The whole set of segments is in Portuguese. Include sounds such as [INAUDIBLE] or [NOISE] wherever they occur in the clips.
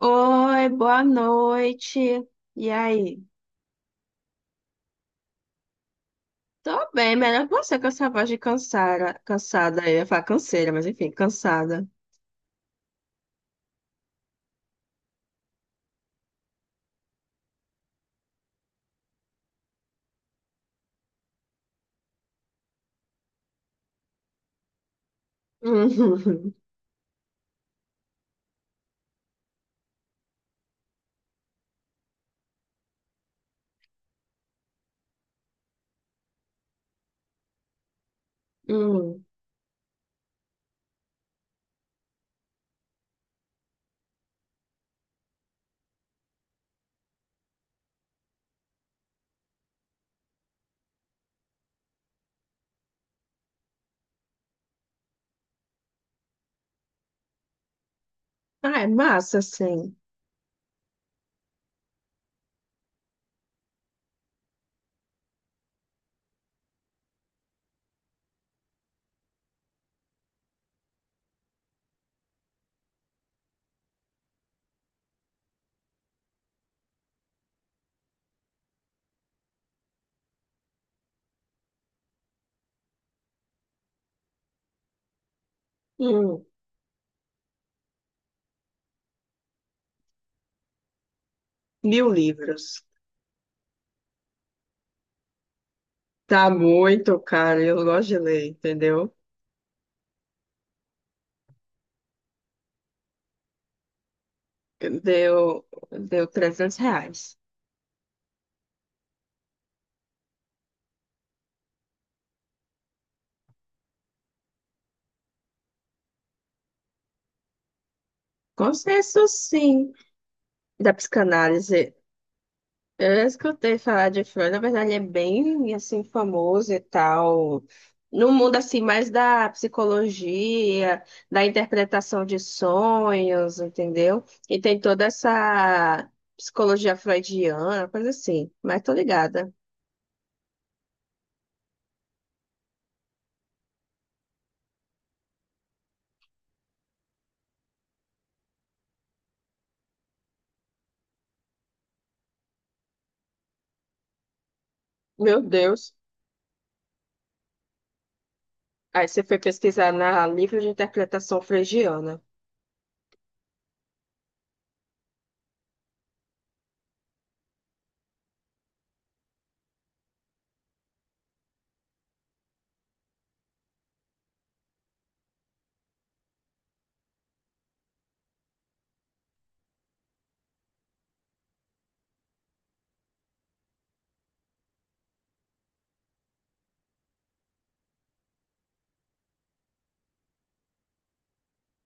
Oi, boa noite. E aí? Tô bem, melhor que você com essa voz de cansada. Cansada, eu ia falar canseira, mas enfim, cansada. [LAUGHS] Uhum. Hum. Ah, é massa, sim. Hum. 1.000 livros. Tá muito caro, eu gosto de ler, entendeu? Deu, deu R$ 300. Consenso, sim, da psicanálise. Eu já escutei falar de Frozen, na verdade é bem assim famoso e tal. No mundo assim mais da psicologia, da interpretação de sonhos, entendeu? E tem toda essa psicologia freudiana, coisa assim, mas tô ligada. Meu Deus. Aí você foi pesquisar na livro de interpretação freudiana.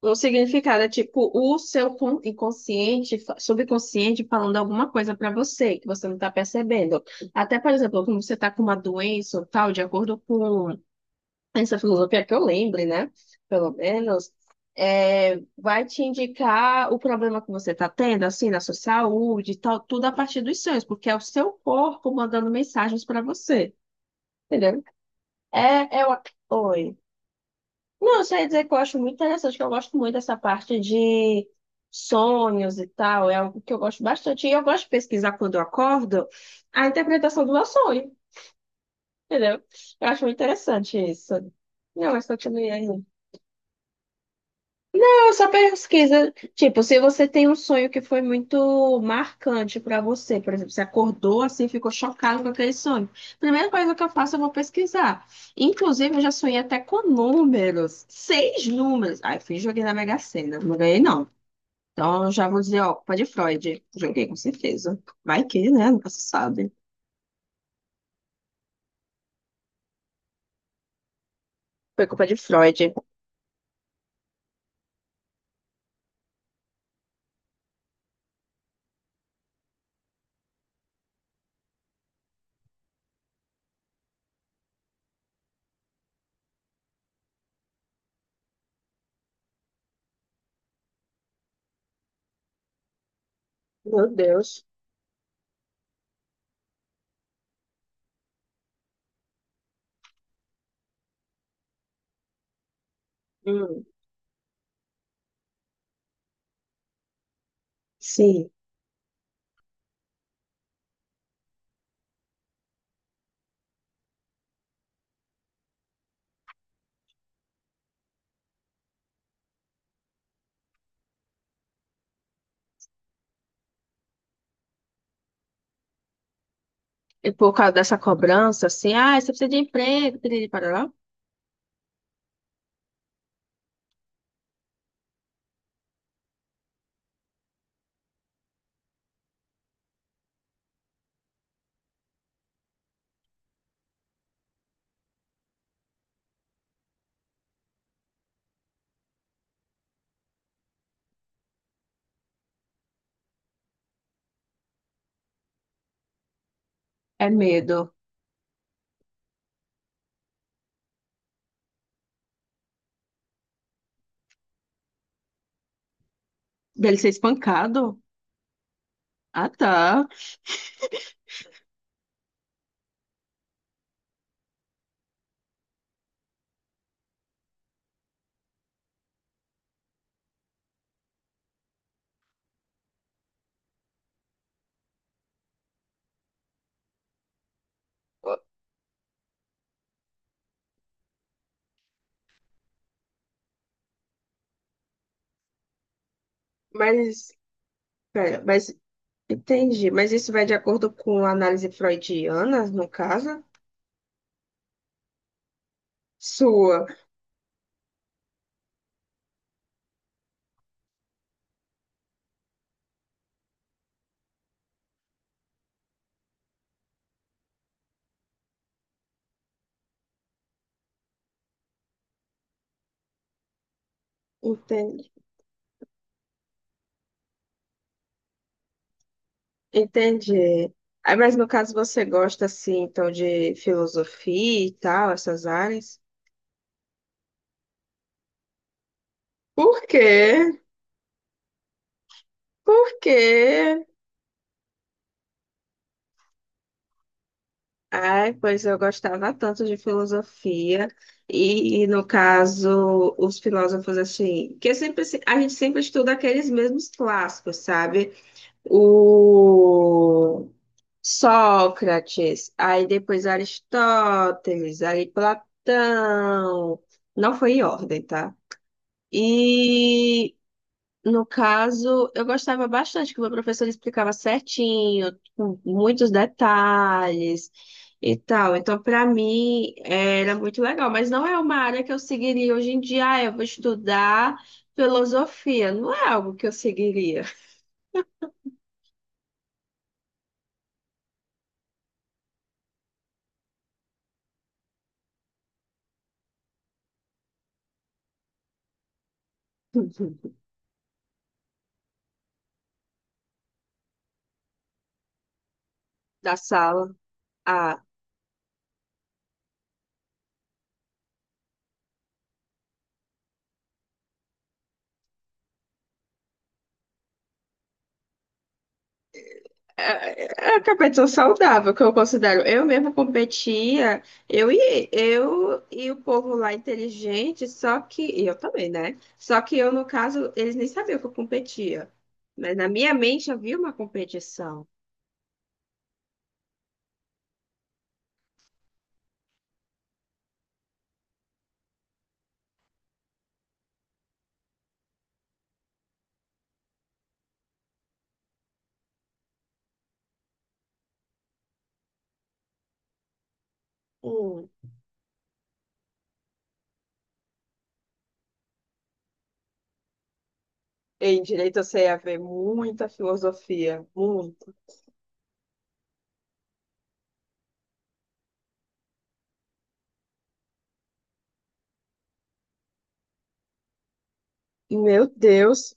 O significado é tipo o seu inconsciente, subconsciente falando alguma coisa para você que você não está percebendo. Até, por exemplo, como você está com uma doença ou tal, de acordo com essa filosofia que eu lembre, né? Pelo menos, vai te indicar o problema que você está tendo, assim, na sua saúde e tal, tudo a partir dos sonhos, porque é o seu corpo mandando mensagens para você, entendeu? É o... Oi. Não, eu só ia dizer que eu acho muito interessante, que eu gosto muito dessa parte de sonhos e tal, é algo que eu gosto bastante. E eu gosto de pesquisar quando eu acordo a interpretação do meu sonho, entendeu? Eu acho muito interessante isso. Não, mas continue aí. Eu só pesquisa, tipo, se você tem um sonho que foi muito marcante pra você, por exemplo, você acordou assim, ficou chocado com aquele sonho. Primeira coisa que eu faço, eu vou pesquisar. Inclusive, eu já sonhei até com números, seis números. Ai fui joguei na Mega Sena, não ganhei não. Então, eu já vou dizer, ó, culpa de Freud. Joguei com certeza. Vai que, né? Nunca se sabe. Foi culpa de Freud. Meu Deus. Hum, sim. E por causa dessa cobrança, assim, ah, você precisa de emprego, piriri, parará. É medo. Dele ser espancado? Ah, tá. Mas, pera, entendi. Mas isso vai de acordo com a análise freudiana, no caso? Sua. Entendi. Entendi. Aí, mas no caso você gosta, assim, então, de filosofia e tal, essas áreas? Por quê? Por quê? Ai, pois eu gostava tanto de filosofia, e, no caso, os filósofos assim, que sempre a gente sempre estuda aqueles mesmos clássicos, sabe? O Sócrates, aí depois Aristóteles, aí Platão, não foi em ordem, tá? E no caso, eu gostava bastante que o meu professor explicava certinho, com muitos detalhes e tal. Então, para mim, era muito legal. Mas não é uma área que eu seguiria hoje em dia. Ah, eu vou estudar filosofia. Não é algo que eu seguiria [LAUGHS] da sala. Ah, é uma competição saudável que eu considero. Eu mesma competia, eu e o povo lá inteligente, só que e eu também, né? Só que eu, no caso, eles nem sabiam que eu competia. Mas na minha mente havia uma competição. Hum. Em direito você ia ver muita filosofia, muita. Meu Deus.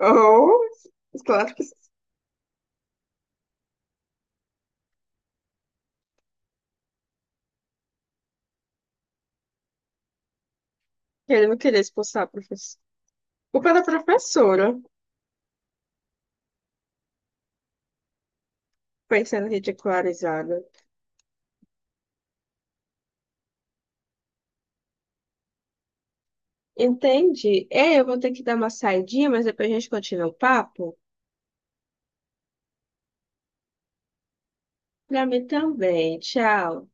Oh, claro que ele não queria expulsar a professora. Culpa da professora, foi sendo ridicularizada. Entende? É, eu vou ter que dar uma saidinha, mas depois a gente continua o papo. Pra mim também. Tchau.